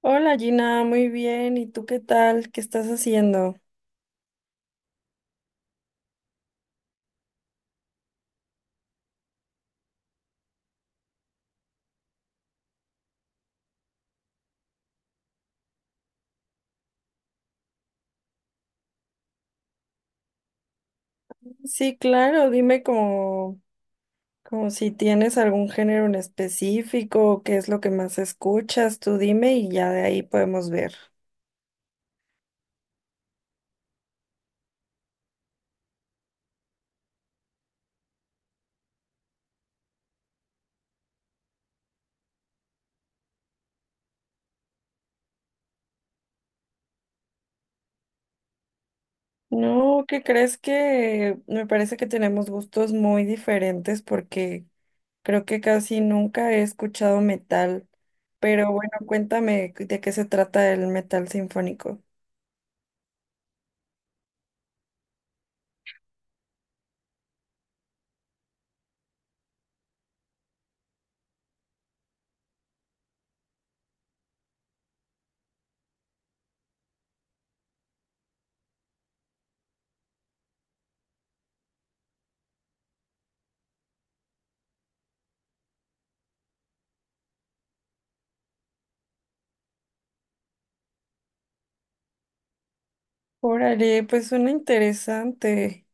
Hola Gina, muy bien. ¿Y tú qué tal? ¿Qué estás haciendo? Sí, claro, dime, como si tienes algún género en específico, o qué es lo que más escuchas, tú dime y ya de ahí podemos ver. No, ¿qué crees? Que me parece que tenemos gustos muy diferentes porque creo que casi nunca he escuchado metal, pero bueno, cuéntame de qué se trata el metal sinfónico. Órale, pues suena interesante.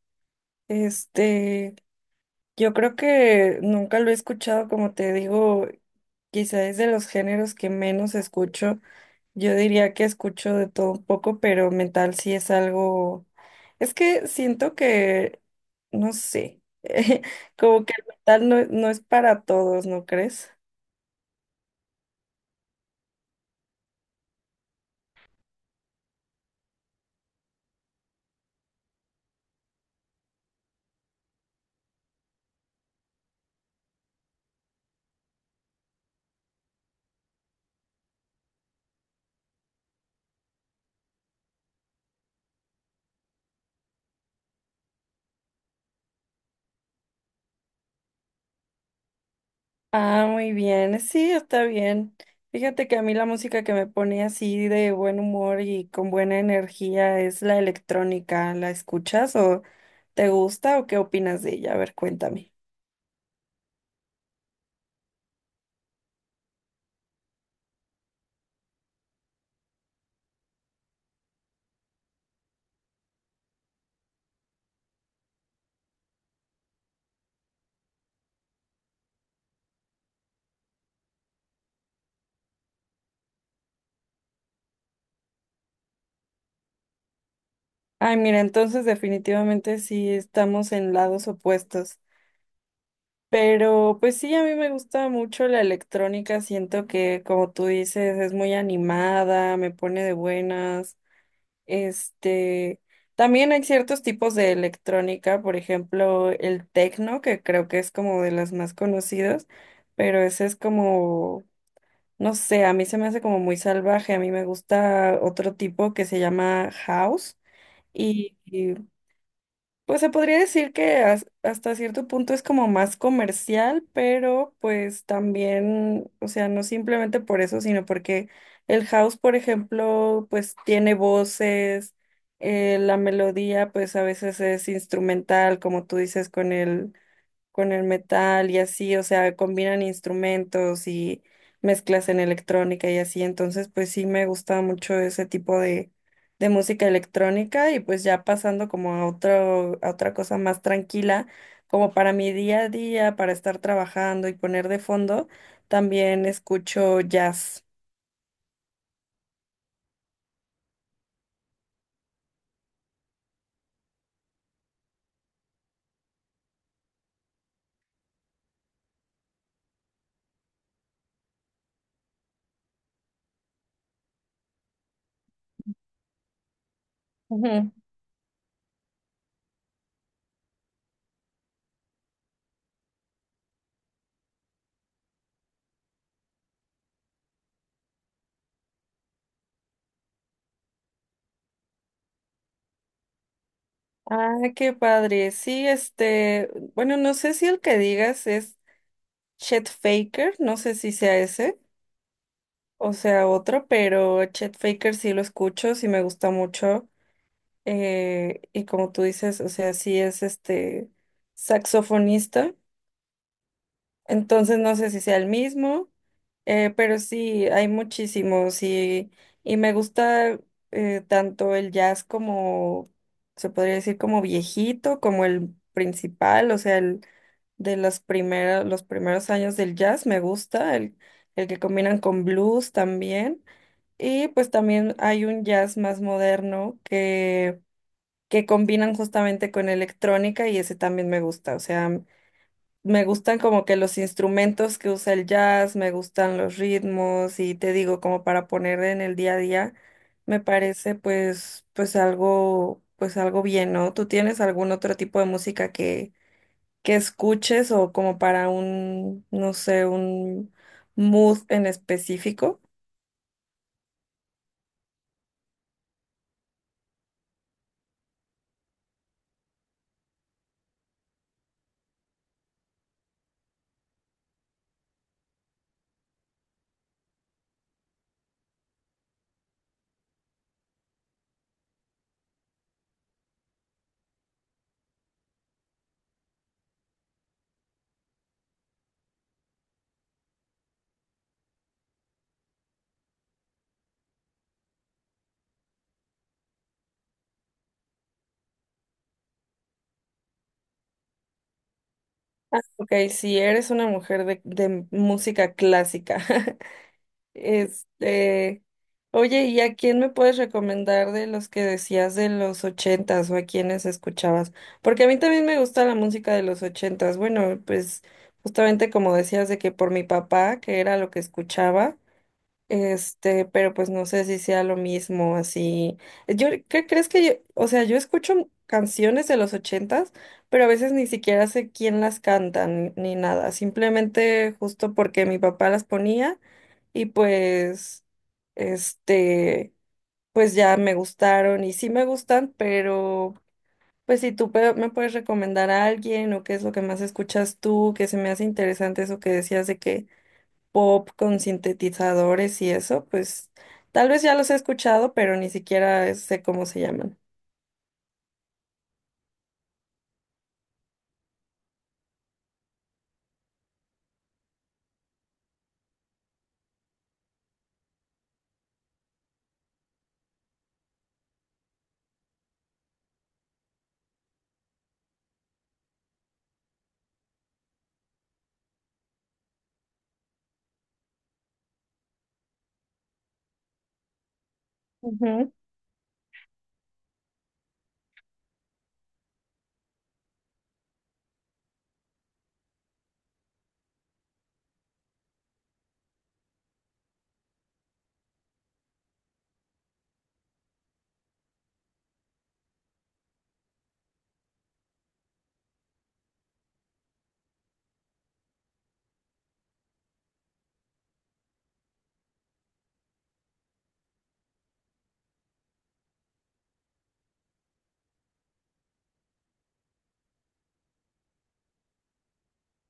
Este, Yo creo que nunca lo he escuchado, como te digo, quizá es de los géneros que menos escucho. Yo diría que escucho de todo un poco, pero metal sí es algo... Es que siento que, no sé, como que el metal no es para todos, ¿no crees? Ah, muy bien, sí, está bien. Fíjate que a mí la música que me pone así de buen humor y con buena energía es la electrónica. ¿La escuchas o te gusta o qué opinas de ella? A ver, cuéntame. Ay, mira, entonces definitivamente sí estamos en lados opuestos. Pero pues sí, a mí me gusta mucho la electrónica. Siento que, como tú dices, es muy animada, me pone de buenas. Este, también hay ciertos tipos de electrónica, por ejemplo, el techno, que creo que es como de las más conocidas, pero ese es como, no sé, a mí se me hace como muy salvaje. A mí me gusta otro tipo que se llama house y, pues se podría decir que hasta cierto punto es como más comercial, pero pues también, o sea, no simplemente por eso, sino porque el house, por ejemplo, pues tiene voces, la melodía pues a veces es instrumental, como tú dices, con el metal y así, o sea, combinan instrumentos y mezclas en electrónica y así. Entonces pues sí me gusta mucho ese tipo de música electrónica, y pues ya pasando como a otro, a otra cosa más tranquila, como para mi día a día, para estar trabajando y poner de fondo, también escucho jazz. Ujú. Ah, qué padre. Sí, este, bueno, no sé si el que digas es Chet Faker, no sé si sea ese. O sea, otro, pero Chet Faker sí lo escucho, sí me gusta mucho. Y como tú dices, o sea, sí es este saxofonista. Entonces no sé si sea el mismo, pero sí, hay muchísimos. Y me gusta tanto el jazz como, se podría decir, como viejito, como el principal, o sea, el de las primeras, los primeros años del jazz me gusta, el que combinan con blues también. Y pues también hay un jazz más moderno que combinan justamente con electrónica y ese también me gusta. O sea, me gustan como que los instrumentos que usa el jazz, me gustan los ritmos y te digo como para poner en el día a día, me parece pues algo bien, ¿no? ¿Tú tienes algún otro tipo de música que escuches o como para un, no sé, un mood en específico? Ah, ok, si eres una mujer de música clásica. Este, oye, ¿y a quién me puedes recomendar de los que decías de los ochentas, o a quiénes escuchabas? Porque a mí también me gusta la música de los ochentas. Bueno, pues justamente como decías, de que por mi papá, que era lo que escuchaba, este, pero pues no sé si sea lo mismo, así. Yo, ¿qué crees? Que yo, o sea, yo escucho canciones de los ochentas, pero a veces ni siquiera sé quién las canta ni nada. Simplemente justo porque mi papá las ponía y pues, este, pues ya me gustaron y sí me gustan, pero pues si tú me puedes recomendar a alguien, o qué es lo que más escuchas tú, que se me hace interesante eso que decías de que pop con sintetizadores y eso, pues tal vez ya los he escuchado, pero ni siquiera sé cómo se llaman. Ujú.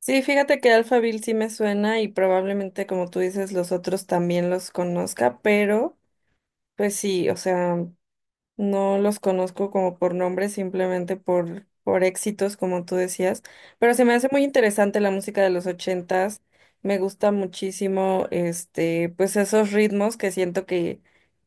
Sí, fíjate que Alphaville sí me suena y probablemente como tú dices los otros también los conozca, pero pues sí, o sea, no los conozco como por nombre, simplemente por éxitos, como tú decías. Pero se me hace muy interesante la música de los ochentas. Me gusta muchísimo, este, pues esos ritmos, que siento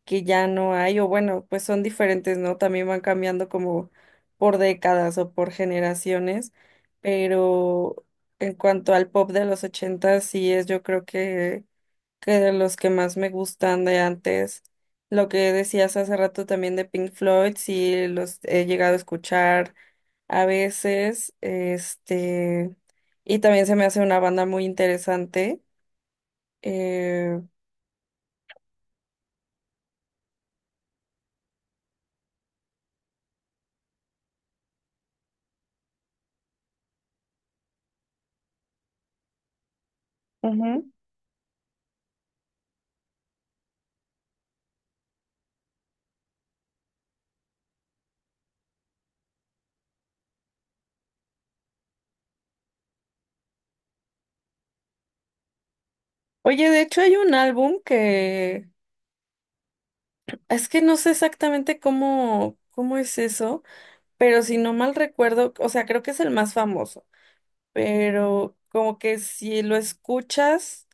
que ya no hay, o bueno, pues son diferentes, ¿no? También van cambiando como por décadas o por generaciones. Pero en cuanto al pop de los ochentas, sí es, yo creo que de los que más me gustan de antes. Lo que decías hace rato también de Pink Floyd, sí los he llegado a escuchar a veces, este, y también se me hace una banda muy interesante. Eh, ujú. Oye, de hecho hay un álbum que es que no sé exactamente cómo, cómo es eso, pero si no mal recuerdo, o sea, creo que es el más famoso, pero como que si lo escuchas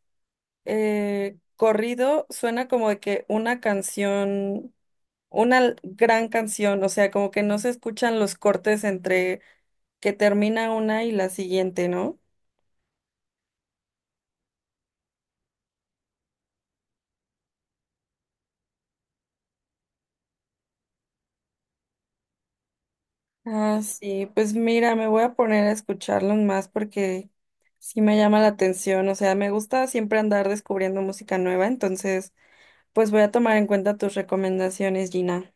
corrido suena como de que una canción, una gran canción, o sea, como que no se escuchan los cortes entre que termina una y la siguiente, ¿no? Ah, sí, pues mira, me voy a poner a escucharlos más porque sí me llama la atención, o sea, me gusta siempre andar descubriendo música nueva, entonces, pues voy a tomar en cuenta tus recomendaciones, Gina.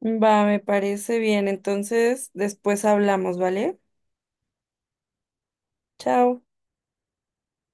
Va, me parece bien, entonces después hablamos, ¿vale? Chao.